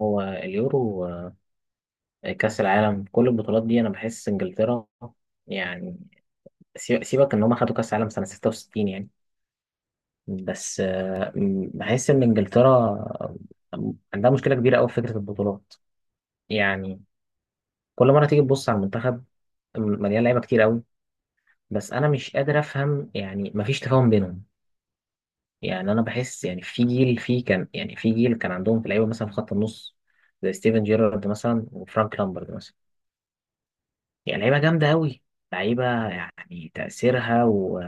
هو اليورو، كأس العالم، كل البطولات دي أنا بحس إنجلترا، يعني سيبك إن هم خدوا كأس العالم سنة 66. يعني بس بحس إن إنجلترا عندها مشكلة كبيرة أوي في فكرة البطولات. يعني كل مرة تيجي تبص على المنتخب مليان لعيبة كتير أوي، بس أنا مش قادر أفهم، يعني مفيش تفاهم بينهم. يعني أنا بحس، يعني في جيل كان عندهم في لعيبة مثلا في خط النص، زي ستيفن جيرارد مثلا وفرانك لامبرد مثلا. هي لعيبة جامدة أوي، لعيبة، يعني تأثيرها و...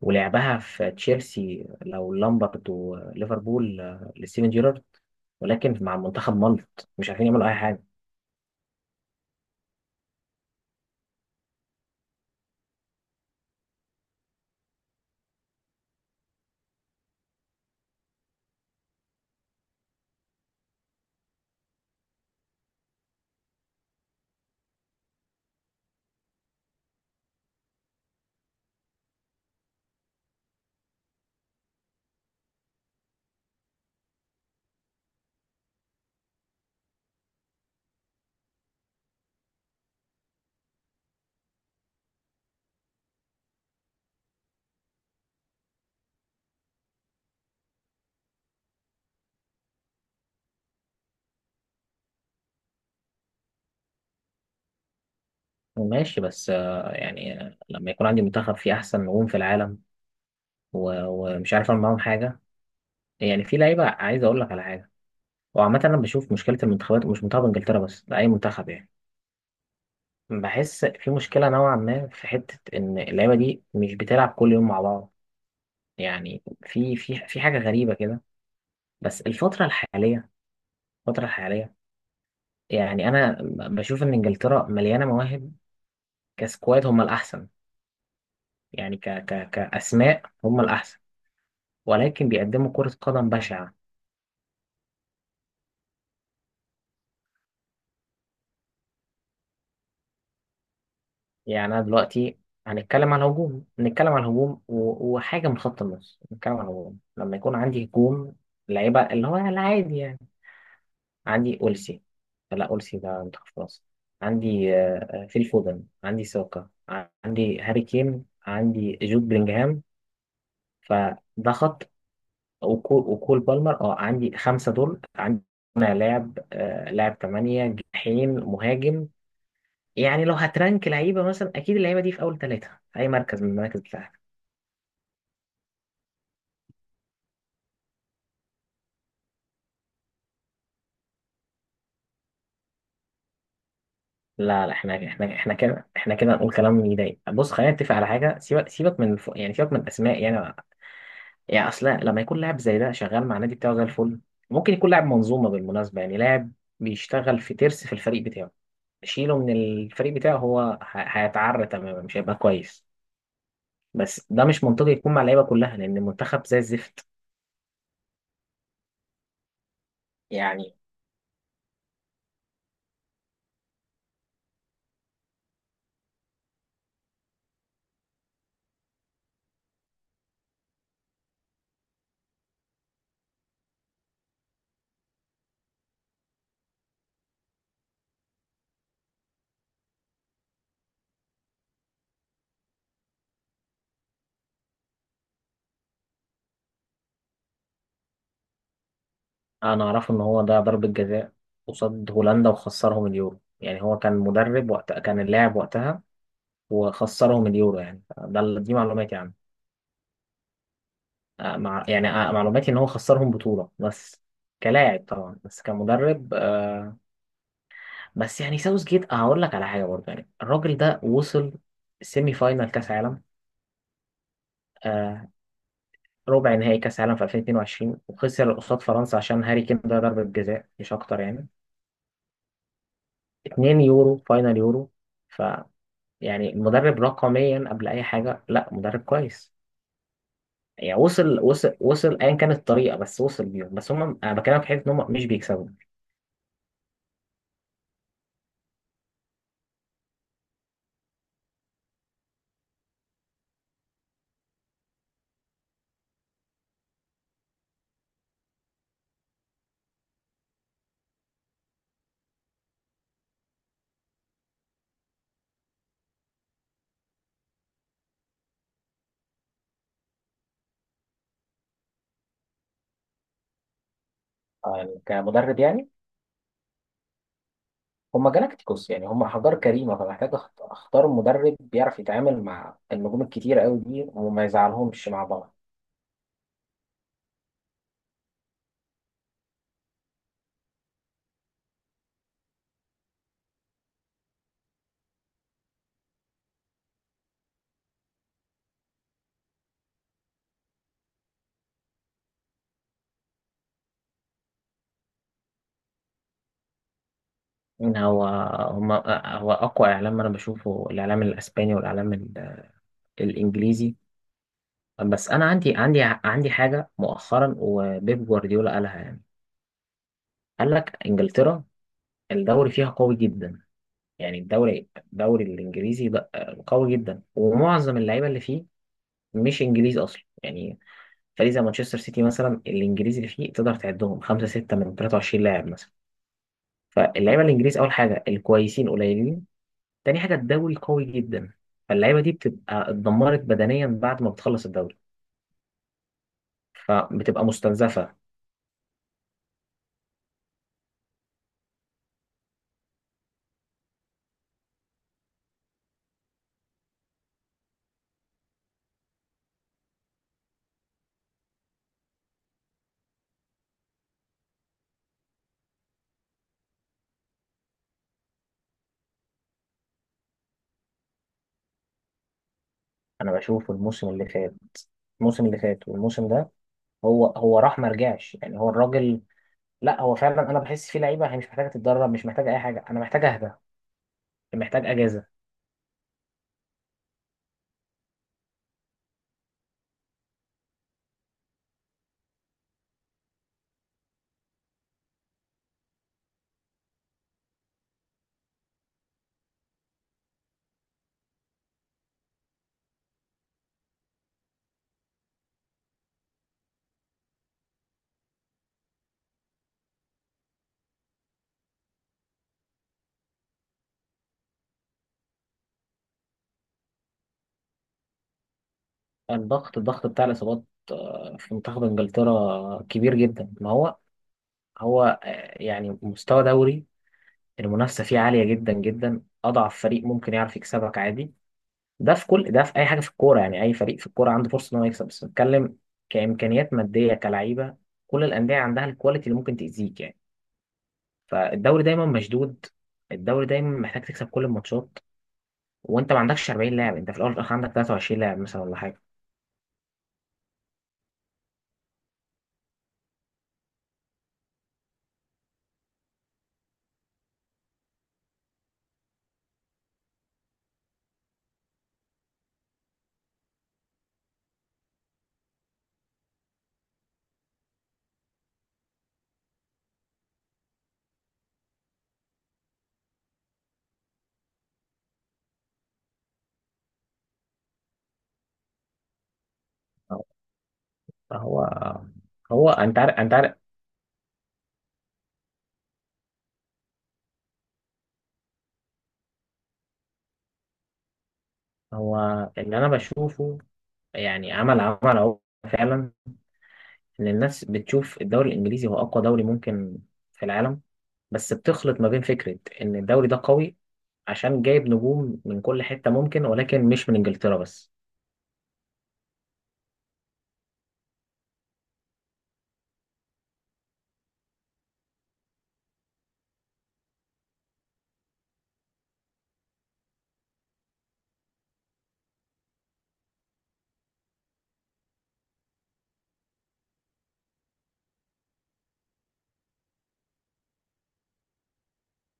ولعبها في تشيلسي لو لامبرد، وليفربول لستيفن جيرارد، ولكن مع المنتخب ملط، مش عارفين يعملوا أي حاجة. ماشي، بس يعني لما يكون عندي منتخب فيه أحسن نجوم في العالم و... ومش عارف أعمل معاهم حاجة، يعني في لعيبة، عايز أقول لك على حاجة. وعامة أنا بشوف مشكلة المنتخبات ومش منتخب إنجلترا بس، ده أي منتخب، يعني بحس في مشكلة نوعا ما، في حتة إن اللعيبة دي مش بتلعب كل يوم مع بعض، يعني في حاجة غريبة كده. بس الفترة الحالية، يعني أنا بشوف إن إنجلترا مليانة مواهب. كسكواد هم الأحسن، يعني ك ك كأسماء هم الأحسن، ولكن بيقدموا كرة قدم بشعة. يعني أنا دلوقتي هنتكلم على الهجوم نتكلم على الهجوم و- وحاجة من خط النص. نتكلم على الهجوم لما يكون عندي هجوم لعيبة اللي هو العادي، عندي ألسي. لا، ألسي ده منتخب فرنسا. عندي فيل فودن، عندي ساكا، عندي هاري كين، عندي جود بلينجهام، فده خط. وكول بالمر، عندي خمسة دول عندنا لاعب، لاعب تمانية، جناحين، مهاجم. يعني لو هترانك لعيبة مثلا، أكيد اللعيبة دي في أول ثلاثة في أي مركز من المراكز بتاعتك. لا، لا، احنا كده نقول كلام يضايق. بص، خلينا نتفق على حاجة. سيبك من الأسماء، يعني. يعني اصل لما يكون لاعب زي ده شغال مع النادي بتاعه زي الفل، ممكن يكون لاعب منظومه بالمناسبه، يعني لاعب بيشتغل في ترس في الفريق بتاعه. شيله من الفريق بتاعه هو هيتعرى تماما، مش هيبقى كويس. بس ده مش منطقي يكون مع اللعيبه كلها، لان المنتخب زي الزفت. يعني انا اعرف ان هو ده ضربه جزاء قصاد هولندا وخسرهم اليورو، يعني هو كان مدرب وقت كان اللاعب وقتها وخسرهم اليورو. يعني ده دي معلوماتي عنه. مع يعني، معلوماتي ان هو خسرهم بطولة بس، كلاعب طبعا، بس كمدرب بس يعني ساوث جيت هقول لك على حاجة برضه. يعني الراجل ده وصل سيمي فاينال كاس عالم، آه، ربع نهائي كاس عالم في 2022، وخسر قصاد فرنسا عشان هاري كين ده ضربة جزاء مش اكتر، يعني 2 يورو، فاينال يورو. ف يعني المدرب رقميا قبل اي حاجة، لا مدرب كويس. يعني وصل ايا كانت الطريقة، بس وصل بيهم. بس هم، انا بكلمك في حته ان هم مش بيكسبوا. كمدرب يعني، هم جالاكتيكوس، يعني هم حجار كريمة. فمحتاج أختار مدرب بيعرف يتعامل مع النجوم الكتيرة أوي دي وما يزعلهمش مع بعض. إن هو هم هو أقوى إعلام أنا بشوفه، الإعلام الأسباني والإعلام الإنجليزي. بس أنا عندي حاجة مؤخرا وبيب جوارديولا قالها. يعني قال لك إنجلترا الدوري فيها قوي جدا، يعني الدوري الإنجليزي ده قوي جدا، ومعظم اللعيبة اللي فيه مش إنجليز أصلا، يعني فريق زي مانشستر سيتي مثلا، الانجليزي اللي فيه تقدر تعدهم خمسه سته من 23 لاعب مثلا. فاللعيبه الانجليز اول حاجه الكويسين قليلين، تاني حاجه الدوري قوي جدا، فاللعيبه دي بتبقى اتدمرت بدنيا بعد ما بتخلص الدوري، فبتبقى مستنزفه. انا بشوف الموسم اللي فات، والموسم ده، هو راح ما رجعش، يعني هو الراجل. لا، هو فعلا انا بحس فيه لعيبه هي مش محتاجه تتدرب، مش محتاجه اي حاجه، انا محتاج اهدى، محتاج اجازه. الضغط بتاع الاصابات في منتخب انجلترا كبير جدا. ما هو، هو يعني مستوى دوري المنافسة فيه عالية جدا جدا. أضعف فريق ممكن يعرف يكسبك عادي. ده في أي حاجة في الكورة، يعني أي فريق في الكورة عنده فرصة إن هو يكسب، بس بتكلم كإمكانيات مادية، كلعيبة، كل الأندية عندها الكواليتي اللي ممكن تأذيك، يعني. فالدوري دايما مشدود، الدوري دايما محتاج تكسب كل الماتشات، وأنت ما عندكش 40 لاعب، أنت في الأول والآخر عندك 23 لاعب مثلا، ولا حاجة. فهو أنت عارف هو اللي أنا بشوفه، يعني عمل أهو، فعلا ان الناس بتشوف الدوري الانجليزي هو اقوى دوري ممكن في العالم، بس بتخلط ما بين فكره ان الدوري ده قوي عشان جايب نجوم من كل حته ممكن، ولكن مش من انجلترا بس.